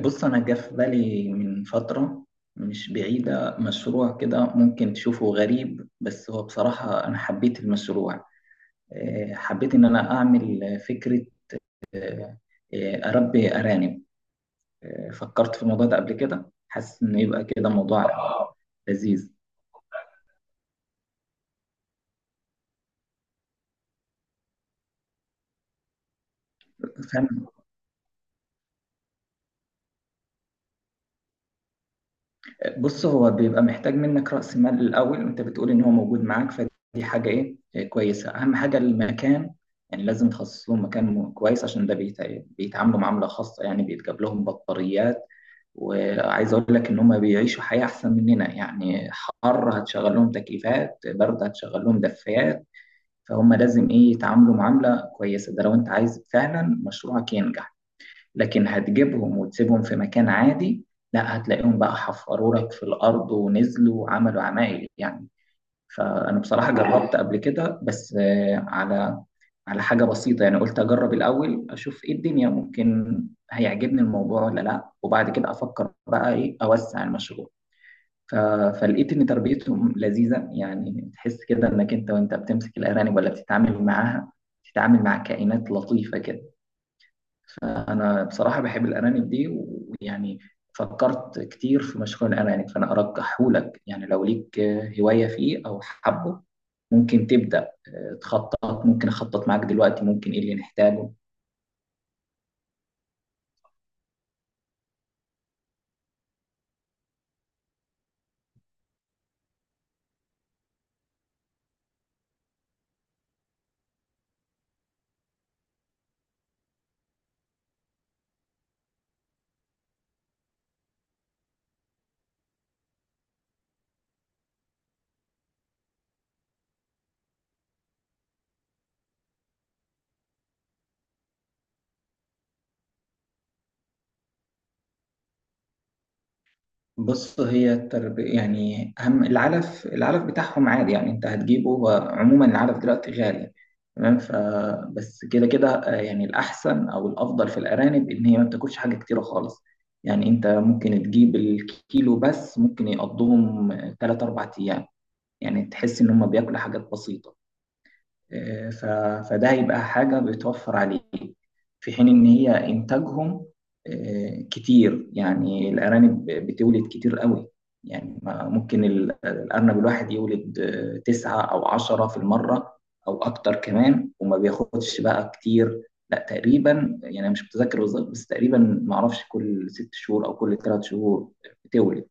بص، أنا جه في بالي من فترة مش بعيدة مشروع كده ممكن تشوفه غريب، بس هو بصراحة أنا حبيت المشروع. حبيت إن أنا أعمل فكرة. آه، أربي أرانب. فكرت في الموضوع ده قبل كده، حاسس إنه يبقى كده موضوع لذيذ. بص، هو بيبقى محتاج منك رأس مال الأول، وأنت بتقول إن هو موجود معاك، فدي حاجة إيه إيه كويسة. أهم حاجة المكان، يعني لازم تخصص لهم مكان كويس، عشان ده بيتعاملوا معاملة خاصة. يعني بيتجاب لهم بطاريات، وعايز أقول لك إن هم بيعيشوا حياة أحسن مننا. يعني حر هتشغل لهم تكييفات، برد هتشغل لهم دفايات. فهم لازم إيه يتعاملوا معاملة كويسة، ده لو أنت عايز فعلا مشروعك ينجح. لكن هتجيبهم وتسيبهم في مكان عادي، لا هتلاقيهم بقى حفروا لك في الأرض ونزلوا وعملوا عمايل يعني. فأنا بصراحة جربت قبل كده بس على على حاجة بسيطة، يعني قلت أجرب الأول أشوف إيه الدنيا، ممكن هيعجبني الموضوع ولا لأ، وبعد كده أفكر بقى إيه أوسع المشروع. ف... فلقيت إن تربيتهم لذيذة، يعني تحس كده إنك أنت وأنت بتمسك الأرانب ولا بتتعامل معاها، بتتعامل مع كائنات لطيفة كده. فأنا بصراحة بحب الأرانب دي، ويعني فكرت كتير في مشروع الأرانب. فأنا أرجحهولك، يعني لو ليك هواية فيه أو حبه، ممكن تبدأ تخطط. ممكن أخطط معاك دلوقتي ممكن إيه اللي نحتاجه. بص، هي التربية يعني أهم العلف. العلف بتاعهم عادي، يعني أنت هتجيبه. هو عموما العلف دلوقتي غالي، تمام؟ ف بس كده كده يعني الأحسن أو الأفضل في الأرانب إن هي ما بتاكلش حاجة كتيرة خالص. يعني أنت ممكن تجيب الكيلو بس ممكن يقضوهم تلات أربع أيام. يعني تحس إن هم بياكلوا حاجات بسيطة. ف- فده هيبقى حاجة بتوفر عليك، في حين إن هي إنتاجهم كتير. يعني الأرانب بتولد كتير قوي، يعني ممكن الأرنب الواحد يولد تسعة أو عشرة في المرة أو أكتر كمان. وما بياخدش بقى كتير، لا تقريبا، يعني أنا مش متذكر بالظبط بس تقريبا معرفش كل ست شهور أو كل ثلاث شهور بتولد.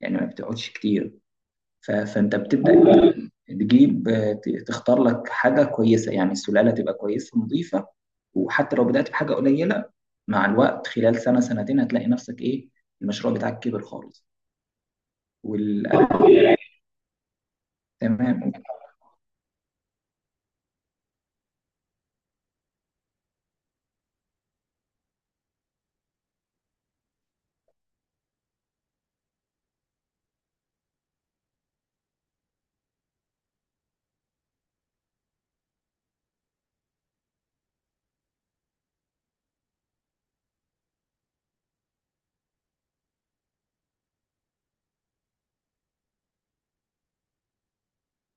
يعني ما بتقعدش كتير. فانت بتبدا تجيب تختار لك حاجه كويسه، يعني السلاله تبقى كويسه نظيفه. وحتى لو بدات بحاجه قليله، مع الوقت خلال سنه سنتين هتلاقي نفسك ايه، المشروع بتاعك كبر خالص. وال تمام،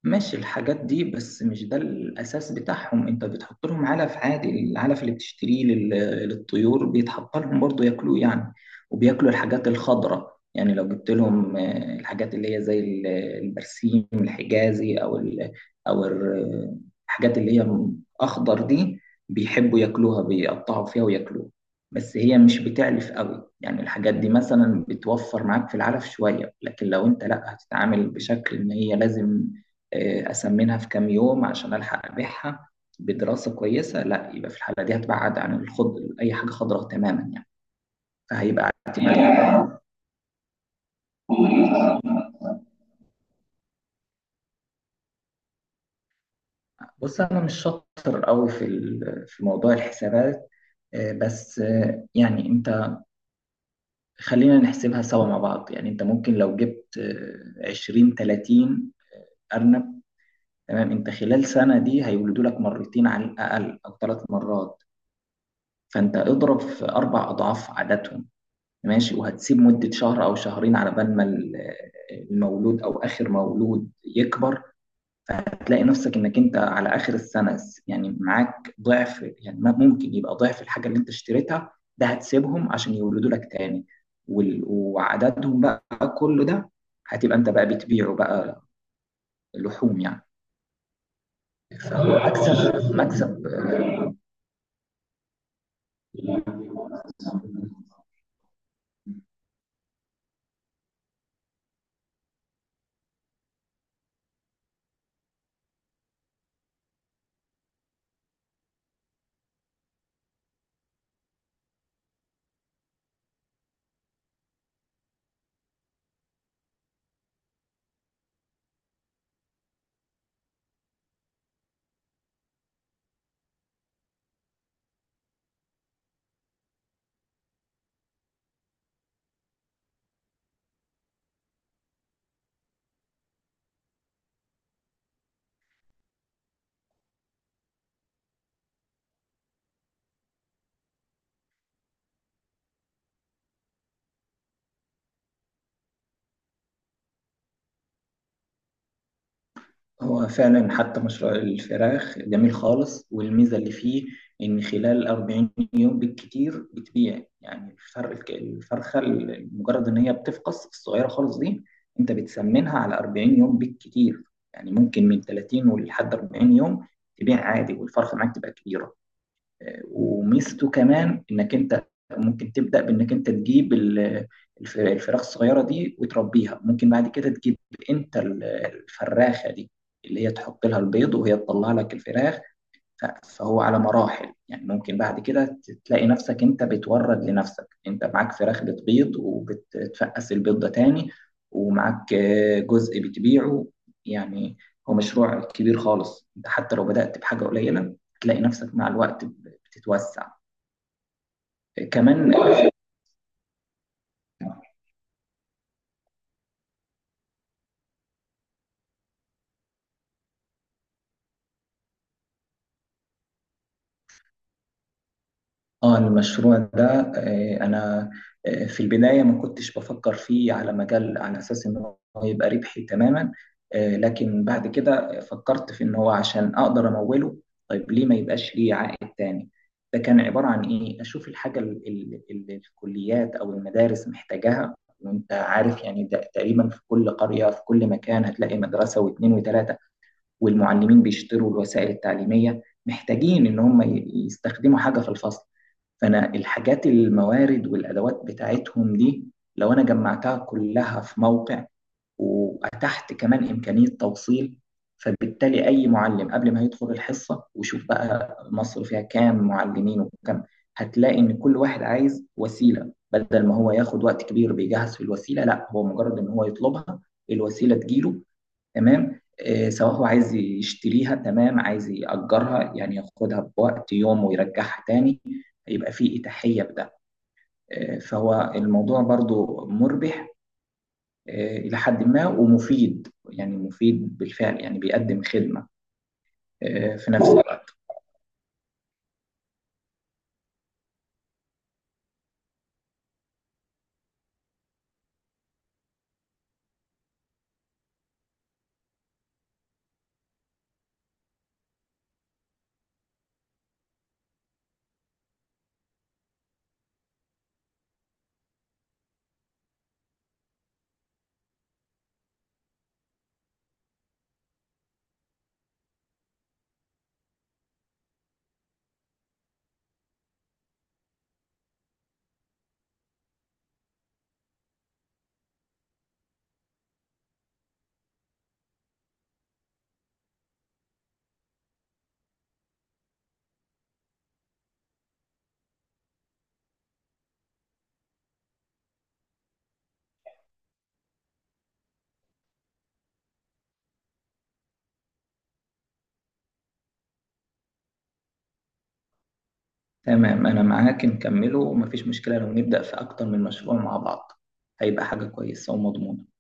ماشي. الحاجات دي بس مش ده الأساس بتاعهم. أنت بتحط لهم علف عادي، العلف اللي بتشتريه للطيور بيتحط لهم برضه، ياكلوه يعني. وبياكلوا الحاجات الخضراء، يعني لو جبت لهم الحاجات اللي هي زي البرسيم الحجازي، أو ال، أو الحاجات اللي هي أخضر دي، بيحبوا ياكلوها، بيقطعوا فيها وياكلوها. بس هي مش بتعلف قوي، يعني الحاجات دي مثلا بتوفر معاك في العلف شوية. لكن لو انت لا هتتعامل بشكل ان هي لازم أسمنها في كام يوم عشان ألحق أبيعها بدراسة كويسة، لا يبقى في الحالة دي هتبعد عن الخضر، أي حاجة خضراء تماما يعني، فهيبقى اعتماد. بص، أنا مش شاطر قوي في في موضوع الحسابات، بس يعني أنت خلينا نحسبها سوا مع بعض. يعني أنت ممكن لو جبت 20 30 أرنب، تمام؟ أنت خلال سنة دي هيولدوا لك مرتين على الأقل أو ثلاث مرات، فأنت اضرب في أربع أضعاف عددهم، ماشي. وهتسيب مدة شهر أو شهرين على بال ما المولود أو آخر مولود يكبر، فهتلاقي نفسك إنك أنت على آخر السنة يعني معاك ضعف. يعني ممكن يبقى ضعف الحاجة اللي أنت اشتريتها. ده هتسيبهم عشان يولدوا لك تاني، وعددهم بقى كله ده هتبقى أنت بقى بتبيعه بقى لحوم يعني، فمكسب مكسب مكسب. هو فعلا حتى مشروع الفراخ جميل خالص، والميزة اللي فيه إن خلال 40 يوم بالكتير بتبيع يعني الفرخ الفرخة، مجرد إن هي بتفقس الصغيرة خالص دي أنت بتسمنها على 40 يوم بالكتير. يعني ممكن من 30 ولحد 40 يوم تبيع عادي والفرخة معاك تبقى كبيرة. وميزته كمان انك انت ممكن تبدا بانك انت تجيب الفراخ الصغيره دي وتربيها. ممكن بعد كده تجيب انت الفراخه دي اللي هي تحط لها البيض وهي تطلع لك الفراخ. فهو على مراحل، يعني ممكن بعد كده تلاقي نفسك انت بتورد لنفسك، انت معاك فراخ بتبيض وبتفقس البيض ده تاني، ومعاك جزء بتبيعه يعني. هو مشروع كبير خالص، انت حتى لو بدأت بحاجة قليلة تلاقي نفسك مع الوقت بتتوسع كمان. اه، المشروع ده انا في البدايه ما كنتش بفكر فيه على مجال، على اساس ان هو يبقى ربحي تماما. لكن بعد كده فكرت في ان هو عشان اقدر اموله، طيب ليه ما يبقاش ليه عائد تاني. ده كان عباره عن ايه، اشوف الحاجه اللي الكليات او المدارس محتاجاها. وانت عارف يعني، ده تقريبا في كل قريه في كل مكان هتلاقي مدرسه واثنين وثلاثه، والمعلمين بيشتروا الوسائل التعليمية، محتاجين إن هم يستخدموا حاجة في الفصل. فأنا الحاجات الموارد والأدوات بتاعتهم دي، لو أنا جمعتها كلها في موقع وأتحت كمان إمكانية توصيل، فبالتالي أي معلم قبل ما يدخل الحصة، وشوف بقى مصر فيها كام معلمين وكم، هتلاقي إن كل واحد عايز وسيلة. بدل ما هو ياخد وقت كبير بيجهز في الوسيلة، لا هو مجرد إن هو يطلبها الوسيلة تجيله، تمام؟ سواء هو عايز يشتريها تمام، عايز يأجرها يعني ياخدها بوقت يوم ويرجعها تاني، يبقى في إتاحية بده. فهو الموضوع برضو مربح إلى حد ما، ومفيد يعني مفيد بالفعل، يعني بيقدم خدمة في نفس الوقت. تمام، أنا معاك نكمله، ومفيش مشكلة لو نبدأ في أكتر من مشروع مع بعض، هيبقى حاجة كويسة ومضمونة.